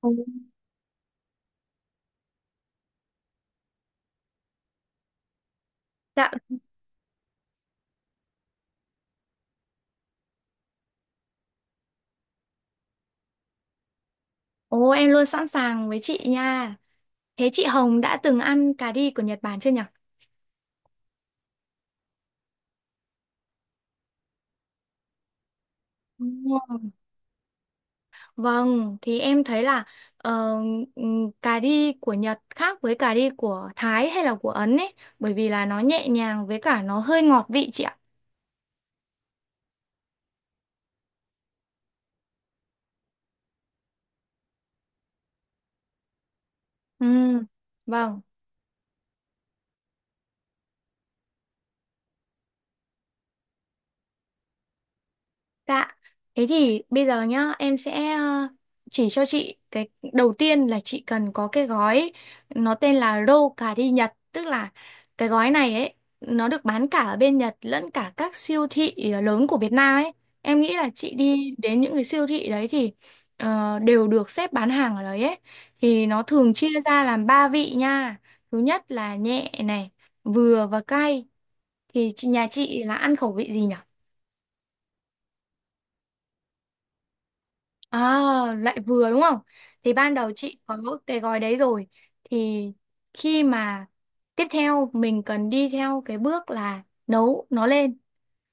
Ừ. Dạ, ồ em luôn sẵn sàng với chị nha. Thế chị Hồng đã từng ăn cà ri của Nhật Bản chưa nhỉ? Ừ. Vâng, thì em thấy là ờ, cà ri của Nhật khác với cà ri của Thái hay là của Ấn ấy, bởi vì là nó nhẹ nhàng với cả nó hơi ngọt vị chị ạ. Ừ, vâng. Dạ, thế thì bây giờ nhá, em sẽ chỉ cho chị cái đầu tiên là chị cần có cái gói nó tên là Rô cà ri Nhật, tức là cái gói này ấy nó được bán cả ở bên Nhật lẫn cả các siêu thị lớn của Việt Nam ấy. Em nghĩ là chị đi đến những cái siêu thị đấy thì đều được xếp bán hàng ở đấy ấy. Thì nó thường chia ra làm ba vị nha. Thứ nhất là nhẹ này, vừa và cay. Thì nhà chị là ăn khẩu vị gì nhỉ? À, lại vừa đúng không? Thì ban đầu chị có cái gói đấy rồi. Thì khi mà tiếp theo mình cần đi theo cái bước là nấu nó lên.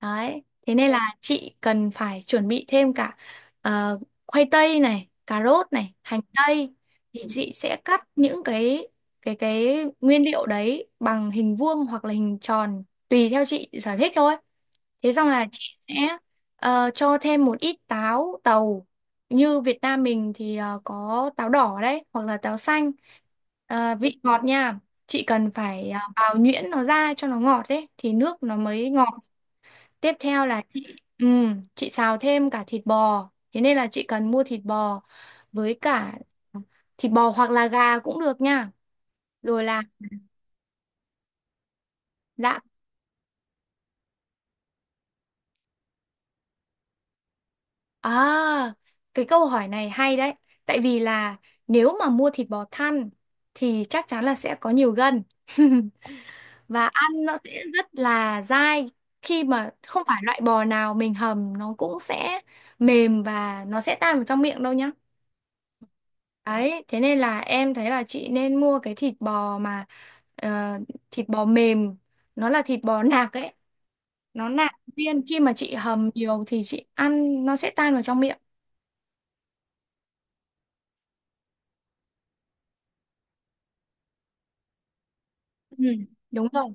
Đấy. Thế nên là chị cần phải chuẩn bị thêm cả ờ, khoai tây này, cà rốt này, hành tây. Thì chị sẽ cắt những cái nguyên liệu đấy bằng hình vuông hoặc là hình tròn tùy theo chị sở thích thôi. Thế xong là chị sẽ cho thêm một ít táo tàu. Như Việt Nam mình thì có táo đỏ đấy, hoặc là táo xanh. Vị ngọt nha. Chị cần phải bào nhuyễn nó ra cho nó ngọt đấy, thì nước nó mới ngọt. Tiếp theo là chị xào thêm cả thịt bò. Thế nên là chị cần mua thịt bò với cả thịt bò hoặc là gà cũng được nha. Rồi là đã. À, cái câu hỏi này hay đấy. Tại vì là nếu mà mua thịt bò thăn thì chắc chắn là sẽ có nhiều gân. Và ăn nó sẽ rất là dai khi mà không phải loại bò nào mình hầm nó cũng sẽ mềm và nó sẽ tan vào trong miệng đâu nhá. Đấy, thế nên là em thấy là chị nên mua cái thịt bò mà ờ, thịt bò mềm, nó là thịt bò nạc ấy, nó nạc viên khi mà chị hầm nhiều thì chị ăn nó sẽ tan vào trong miệng. Ừ, đúng rồi.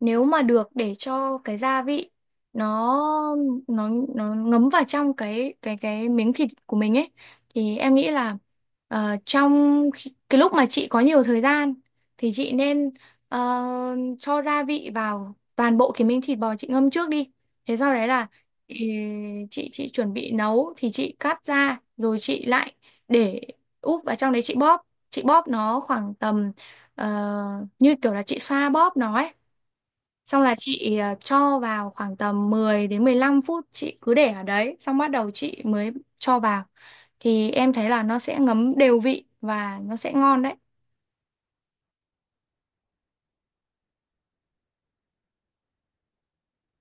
Nếu mà được để cho cái gia vị nó nó ngấm vào trong cái miếng thịt của mình ấy thì em nghĩ là cái lúc mà chị có nhiều thời gian thì chị nên ờ, cho gia vị vào toàn bộ cái miếng thịt bò chị ngâm trước đi, thế sau đấy là chị chị chuẩn bị nấu thì chị cắt ra rồi chị lại để úp vào trong đấy chị bóp nó khoảng tầm như kiểu là chị xoa bóp nó ấy. Xong là chị cho vào khoảng tầm 10 đến 15 phút chị cứ để ở đấy xong bắt đầu chị mới cho vào thì em thấy là nó sẽ ngấm đều vị và nó sẽ ngon đấy.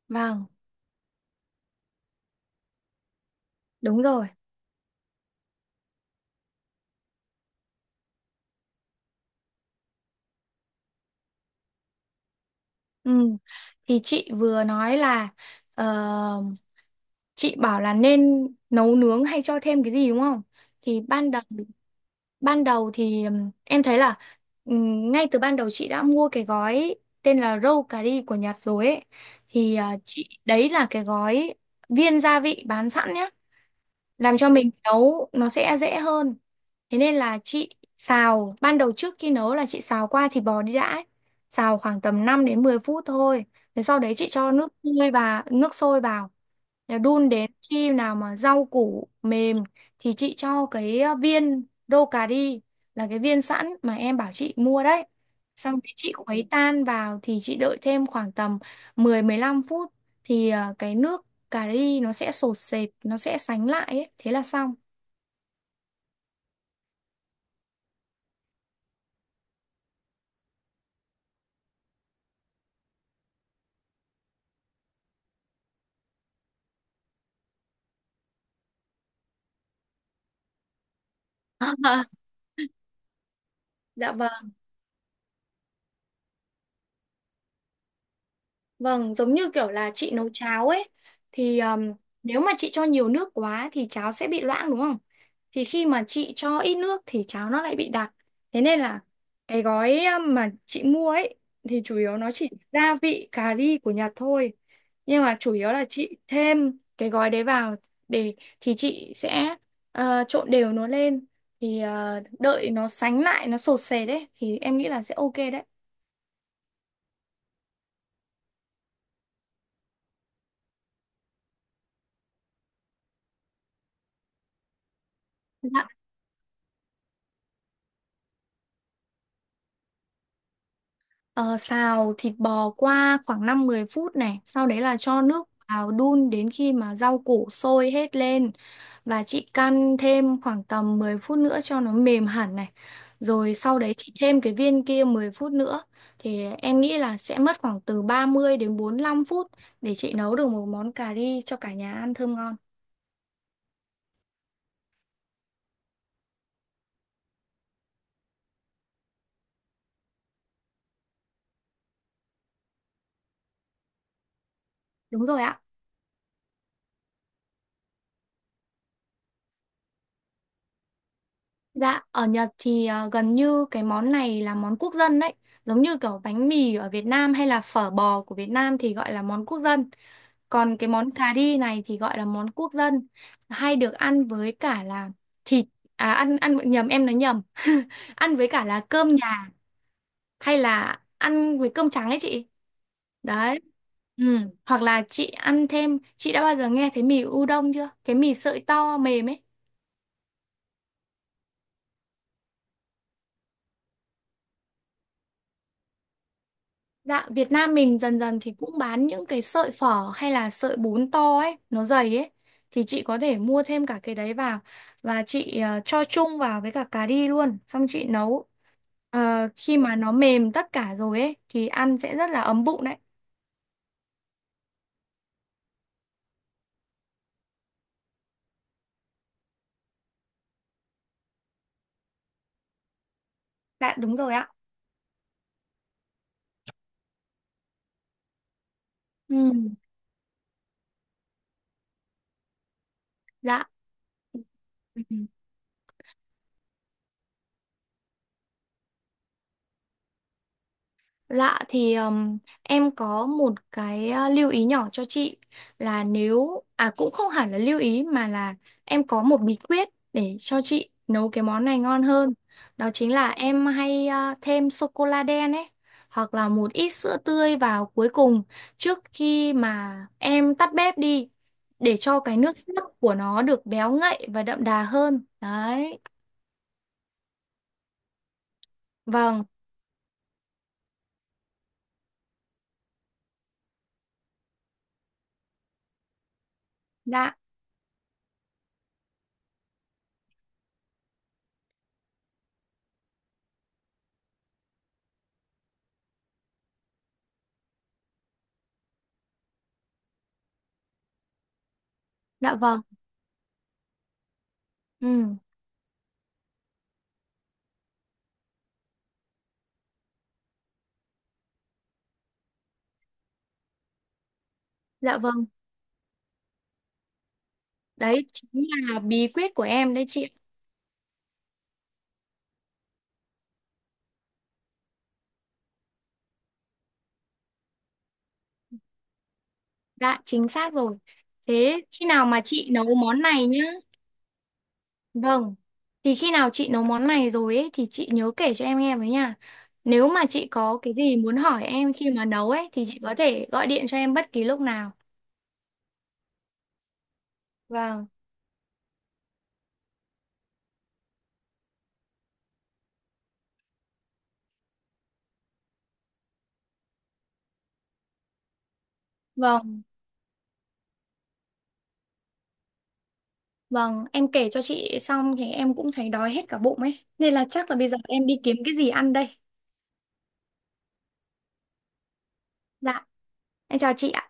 Vâng, đúng rồi. Ừ, thì chị vừa nói là ờ, chị bảo là nên nấu nướng hay cho thêm cái gì đúng không? Thì ban đầu thì em thấy là ngay từ ban đầu chị đã mua cái gói tên là Roll Cà ri của Nhật rồi ấy thì chị đấy là cái gói viên gia vị bán sẵn nhá, làm cho mình nấu nó sẽ dễ hơn. Thế nên là chị xào ban đầu trước khi nấu là chị xào qua thịt bò đi đã ấy, xào khoảng tầm 5 đến 10 phút thôi. Thế sau đấy chị cho nước sôi và nước sôi vào để đun đến khi nào mà rau củ mềm thì chị cho cái viên đô cà ri là cái viên sẵn mà em bảo chị mua đấy, xong cái chị khuấy tan vào thì chị đợi thêm khoảng tầm 10 đến 15 phút thì cái nước cà ri nó sẽ sột sệt, nó sẽ sánh lại ấy. Thế là xong. Dạ vâng. Vâng, giống như kiểu là chị nấu cháo ấy thì nếu mà chị cho nhiều nước quá thì cháo sẽ bị loãng đúng không? Thì khi mà chị cho ít nước thì cháo nó lại bị đặc. Thế nên là cái gói mà chị mua ấy thì chủ yếu nó chỉ gia vị cà ri của Nhật thôi. Nhưng mà chủ yếu là chị thêm cái gói đấy vào để thì chị sẽ trộn đều nó lên thì đợi nó sánh lại nó sột sệt đấy thì em nghĩ là sẽ ok đấy. Ờ, xào thịt bò qua khoảng 5 10 phút này, sau đấy là cho nước vào đun đến khi mà rau củ sôi hết lên và chị căn thêm khoảng tầm 10 phút nữa cho nó mềm hẳn này. Rồi sau đấy chị thêm cái viên kia 10 phút nữa thì em nghĩ là sẽ mất khoảng từ ba mươi đến 45 phút để chị nấu được một món cà ri cho cả nhà ăn thơm ngon. Đúng rồi ạ. Dạ, ở Nhật thì gần như cái món này là món quốc dân đấy. Giống như kiểu bánh mì ở Việt Nam hay là phở bò của Việt Nam thì gọi là món quốc dân. Còn cái món cà ri này thì gọi là món quốc dân. Hay được ăn với cả là thịt, à ăn ăn nhầm em nói nhầm. Ăn với cả là cơm nhà hay là ăn với cơm trắng ấy chị. Đấy. Ừ. Hoặc là chị ăn thêm, chị đã bao giờ nghe thấy mì udon chưa? Cái mì sợi to mềm ấy. Dạ, Việt Nam mình dần dần thì cũng bán những cái sợi phở hay là sợi bún to ấy, nó dày ấy. Thì chị có thể mua thêm cả cái đấy vào và chị cho chung vào với cả cà ri luôn, xong chị nấu. Khi mà nó mềm tất cả rồi ấy thì ăn sẽ rất là ấm bụng đấy. Dạ đúng rồi ạ. Ừ, dạ. Lạ thì em có một cái lưu ý nhỏ cho chị là nếu cũng không hẳn là lưu ý mà là em có một bí quyết để cho chị nấu cái món này ngon hơn. Đó chính là em hay thêm sô cô la đen ấy hoặc là một ít sữa tươi vào cuối cùng trước khi mà em tắt bếp đi để cho cái nước sốt của nó được béo ngậy và đậm đà hơn. Đấy. Vâng, dạ, dạ vâng. Ừ, dạ vâng. Đấy chính là bí quyết của em đấy chị ạ. Dạ chính xác rồi. Thế khi nào mà chị nấu món này nhá. Vâng. Thì khi nào chị nấu món này rồi ấy thì chị nhớ kể cho em nghe với nha. Nếu mà chị có cái gì muốn hỏi em khi mà nấu ấy thì chị có thể gọi điện cho em bất kỳ lúc nào. Vâng. Vâng, vâng, em kể cho chị xong thì em cũng thấy đói hết cả bụng ấy. Nên là chắc là bây giờ em đi kiếm cái gì ăn đây. Dạ, em chào chị ạ.